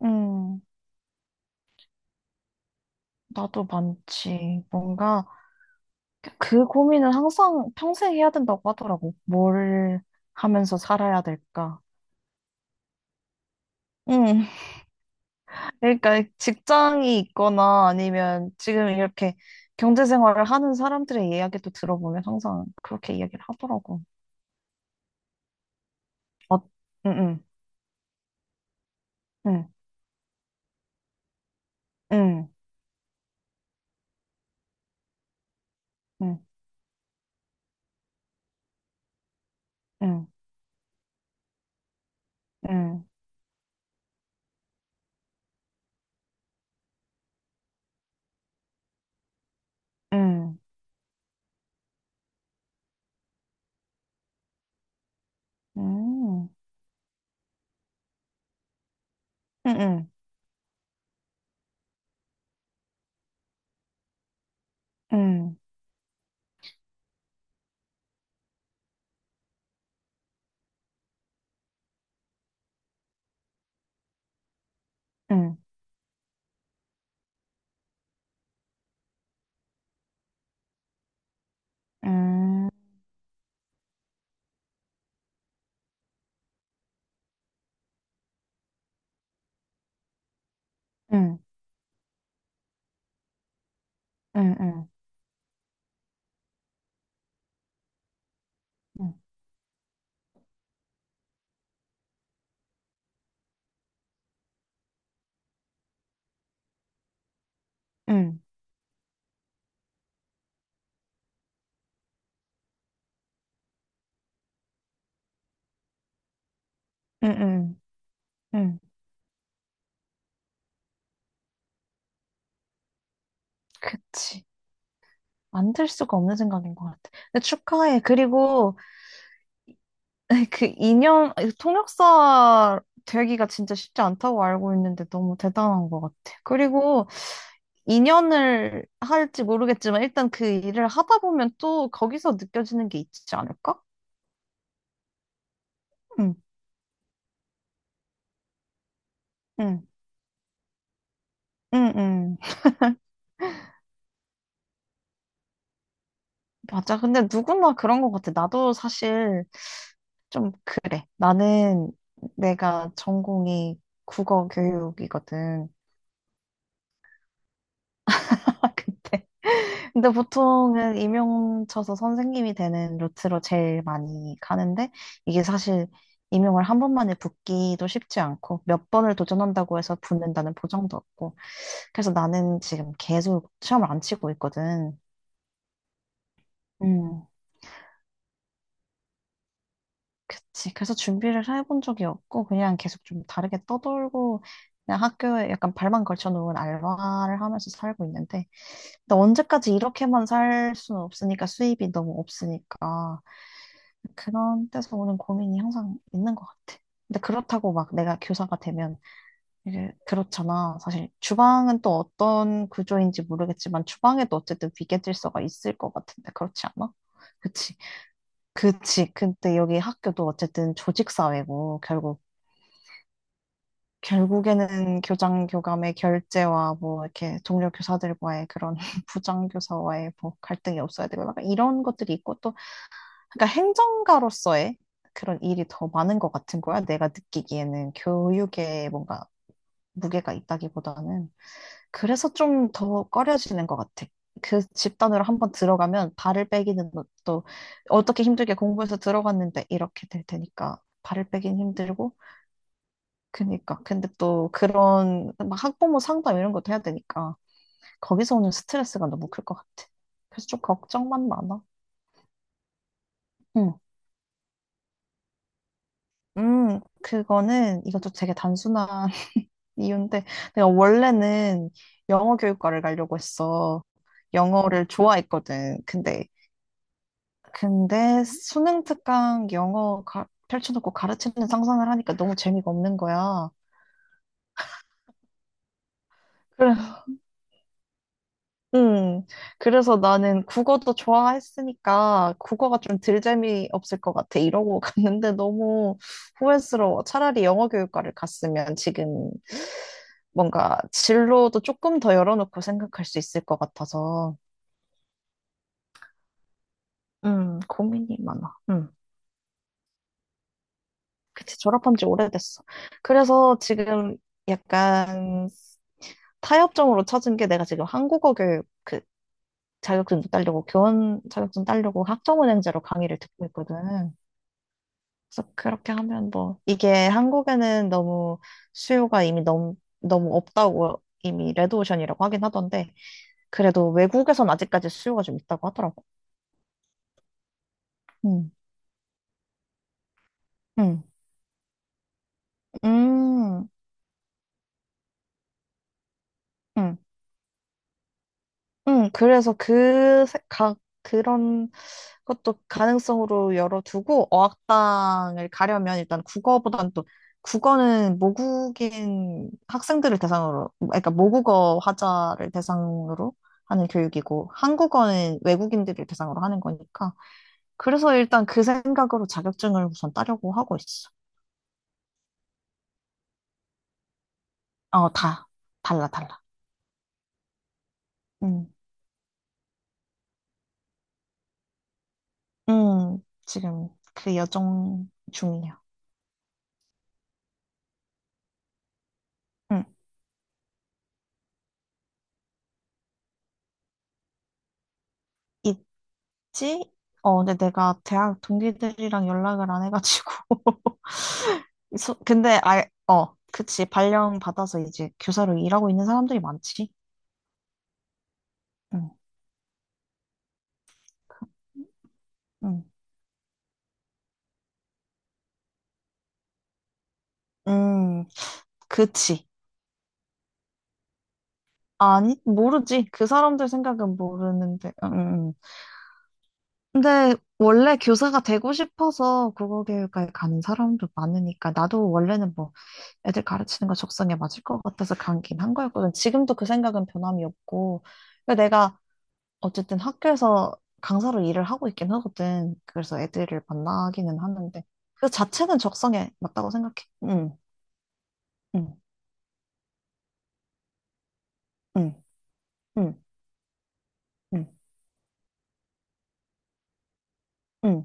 응, 나도 많지. 뭔가 그 고민은 항상 평생 해야 된다고 하더라고. 뭘 하면서 살아야 될까. 응, 그러니까 직장이 있거나 아니면 지금 이렇게 경제생활을 하는 사람들의 이야기도 들어보면 항상 그렇게 이야기를 하더라고. 어. 응응. 응응응응응응응응응응응응응응응응응. 그치. 만들 수가 없는 생각인 것 같아. 근데 축하해. 그리고 그인연 통역사 되기가 진짜 쉽지 않다고 알고 있는데 너무 대단한 것 같아. 그리고 인연을 할지 모르겠지만 일단 그 일을 하다 보면 또 거기서 느껴지는 게 있지 않을까? 응, 응, 응, 응. 맞아. 근데 누구나 그런 것 같아. 나도 사실 좀 그래. 나는 내가 전공이 국어 교육이거든. 근데 근데 보통은 임용쳐서 선생님이 되는 루트로 제일 많이 가는데 이게 사실 임용을 한 번만에 붙기도 쉽지 않고 몇 번을 도전한다고 해서 붙는다는 보장도 없고. 그래서 나는 지금 계속 시험을 안 치고 있거든. 음, 그치. 그래서 준비를 해본 적이 없고 그냥 계속 좀 다르게 떠돌고, 그냥 학교에 약간 발만 걸쳐놓은 알바를 하면서 살고 있는데, 근데 언제까지 이렇게만 살 수는 없으니까, 수입이 너무 없으니까 그런 데서 오는 고민이 항상 있는 것 같아. 근데 그렇다고 막 내가 교사가 되면, 이게 그렇잖아. 사실 주방은 또 어떤 구조인지 모르겠지만 주방에도 어쨌든 위계 질서가 있을 것 같은데, 그렇지 않아? 그치. 그치. 근데 여기 학교도 어쨌든 조직 사회고, 결국 결국에는 교장 교감의 결제와 뭐 이렇게 동료 교사들과의 그런 부장 교사와의 뭐 갈등이 없어야 되고, 약간 이런 것들이 있고, 또 그러니까 행정가로서의 그런 일이 더 많은 것 같은 거야. 내가 느끼기에는. 교육에 뭔가 무게가 있다기보다는. 그래서 좀 더 꺼려지는 것 같아. 그 집단으로 한번 들어가면 발을 빼기는, 또 어떻게 힘들게 공부해서 들어갔는데 이렇게 될 테니까 발을 빼긴 힘들고. 그니까. 근데 또 그런 막 학부모 상담 이런 것도 해야 되니까 거기서 오는 스트레스가 너무 클 것 같아. 그래서 좀 걱정만 많아. 응. 그거는, 이것도 되게 단순한 이유인데, 내가 원래는 영어 교육과를 가려고 했어. 영어를 좋아했거든. 근데 수능 특강 영어 펼쳐놓고 가르치는 상상을 하니까 너무 재미가 없는 거야. 그래, 음. 그래서 나는 국어도 좋아했으니까 국어가 좀 덜 재미없을 것 같아, 이러고 갔는데 너무 후회스러워. 차라리 영어 교육과를 갔으면 지금 뭔가 진로도 조금 더 열어놓고 생각할 수 있을 것 같아서. 고민이 많아. 그치, 졸업한 지 오래됐어. 그래서 지금 약간 타협점으로 찾은 게, 내가 지금 한국어 교육 그 자격증 따려고, 교원 자격증 따려고 학점은행제로 강의를 듣고 있거든. 그래서 그렇게 하면 뭐, 이게 한국에는 너무 수요가 이미 너무, 너무 없다고, 이미 레드오션이라고 하긴 하던데, 그래도 외국에선 아직까지 수요가 좀 있다고 하더라고. 음, 음, 음, 음. 응, 그래서 그, 가, 그런 것도 가능성으로 열어두고. 어학당을 가려면 일단 국어보단 또, 국어는 모국인 학생들을 대상으로, 그러니까 모국어 화자를 대상으로 하는 교육이고, 한국어는 외국인들을 대상으로 하는 거니까. 그래서 일단 그 생각으로 자격증을 우선 따려고 하고 있어. 어, 다. 달라, 달라. 응, 응, 지금 그 여정 중이야. 응. 이 지? 어, 근데 내가 대학 동기들이랑 연락을 안 해가지고. 근데, 아, 어, 그치. 발령 받아서 이제 교사로 일하고 있는 사람들이 많지. 응, 응. 음, 그치. 아니, 모르지. 그 사람들 생각은 모르는데. 음. 근데 원래 교사가 되고 싶어서 국어교육과에 가는 사람도 많으니까, 나도 원래는 뭐 애들 가르치는 거 적성에 맞을 것 같아서 가긴 한 거였거든. 지금도 그 생각은 변함이 없고. 그러니까 내가 어쨌든 학교에서 강사로 일을 하고 있긴 하거든. 그래서 애들을 만나기는 하는데, 그 자체는 적성에 맞다고 생각해. 응, 응, 응, 응, 응, 응.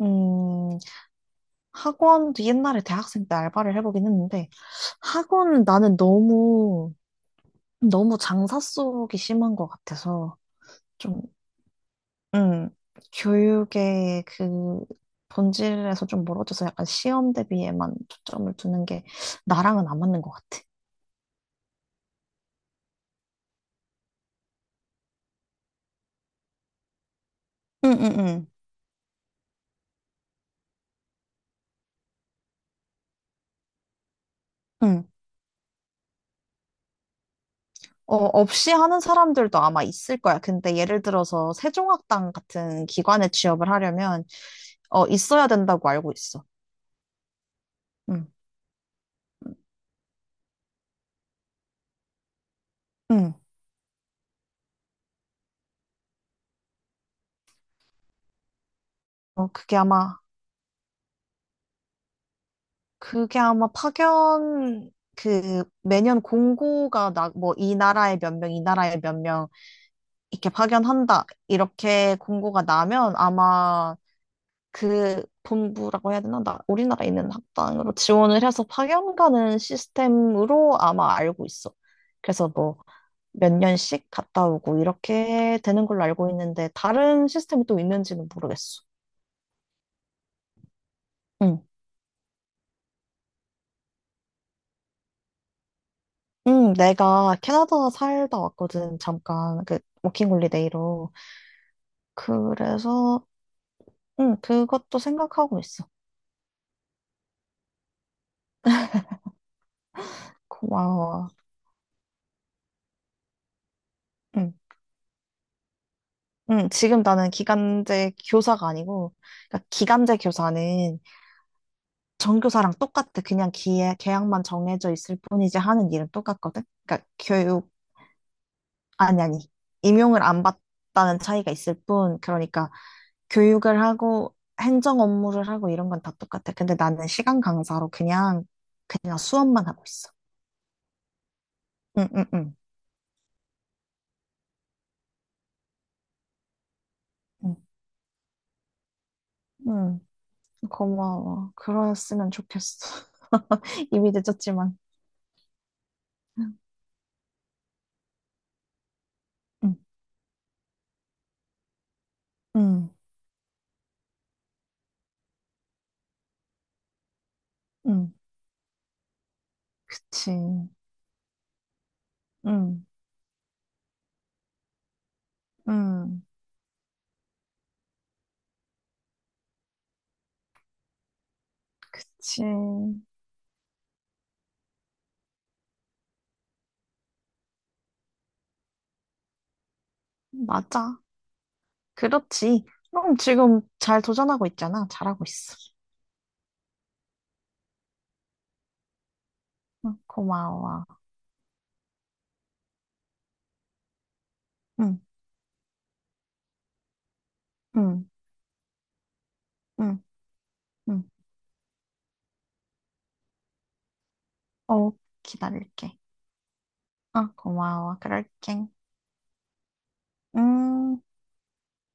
음, 학원도 옛날에 대학생 때 알바를 해보긴 했는데, 학원은 나는 너무 너무 장사 속이 심한 것 같아서 좀, 음, 교육의 그 본질에서 좀 멀어져서 약간 시험 대비에만 초점을 두는 게 나랑은 안 맞는 것 같아. 응, 응, 응. 응. 어, 없이 하는 사람들도 아마 있을 거야. 근데 예를 들어서 세종학당 같은 기관에 취업을 하려면 어, 있어야 된다고 알고 있어. 응. 응. 어, 그게 아마, 그게 아마 파견, 그, 매년 공고가 나, 뭐, 이 나라에 몇 명, 이 나라에 몇 명, 이렇게 파견한다. 이렇게 공고가 나면 아마 그 본부라고 해야 되나? 나 우리나라에 있는 학당으로 지원을 해서 파견 가는 시스템으로 아마 알고 있어. 그래서 뭐 몇 년씩 갔다 오고 이렇게 되는 걸로 알고 있는데 다른 시스템이 또 있는지는 모르겠어. 응. 응, 내가 캐나다 살다 왔거든. 잠깐 그 워킹 홀리데이로. 그래서 응, 그것도 생각하고 있어. 고마워. 응. 응, 지금 나는 기간제 교사가 아니고, 그러니까 기간제 교사는 전교사랑 똑같아. 그냥 기회, 계약만 정해져 있을 뿐이지 하는 일은 똑같거든. 그러니까 교육, 아니, 아니. 임용을 안 받다는 차이가 있을 뿐. 그러니까 교육을 하고 행정 업무를 하고 이런 건 다 똑같아. 근데 나는 시간 강사로 그냥, 그냥 수업만 하고 있어. 응, 응, 응. 응, 응. 고마워. 그러셨으면 좋겠어. 이미 늦었지만. 응, 응, 응. 그치. 응, 응. 그치. 맞아. 그렇지. 응, 지금 잘 도전하고 있잖아. 잘하고 있어. 응, 고마워. 응, 응, 응, 응. 어, 기다릴게. 어, 고마워. 그럴게. 음.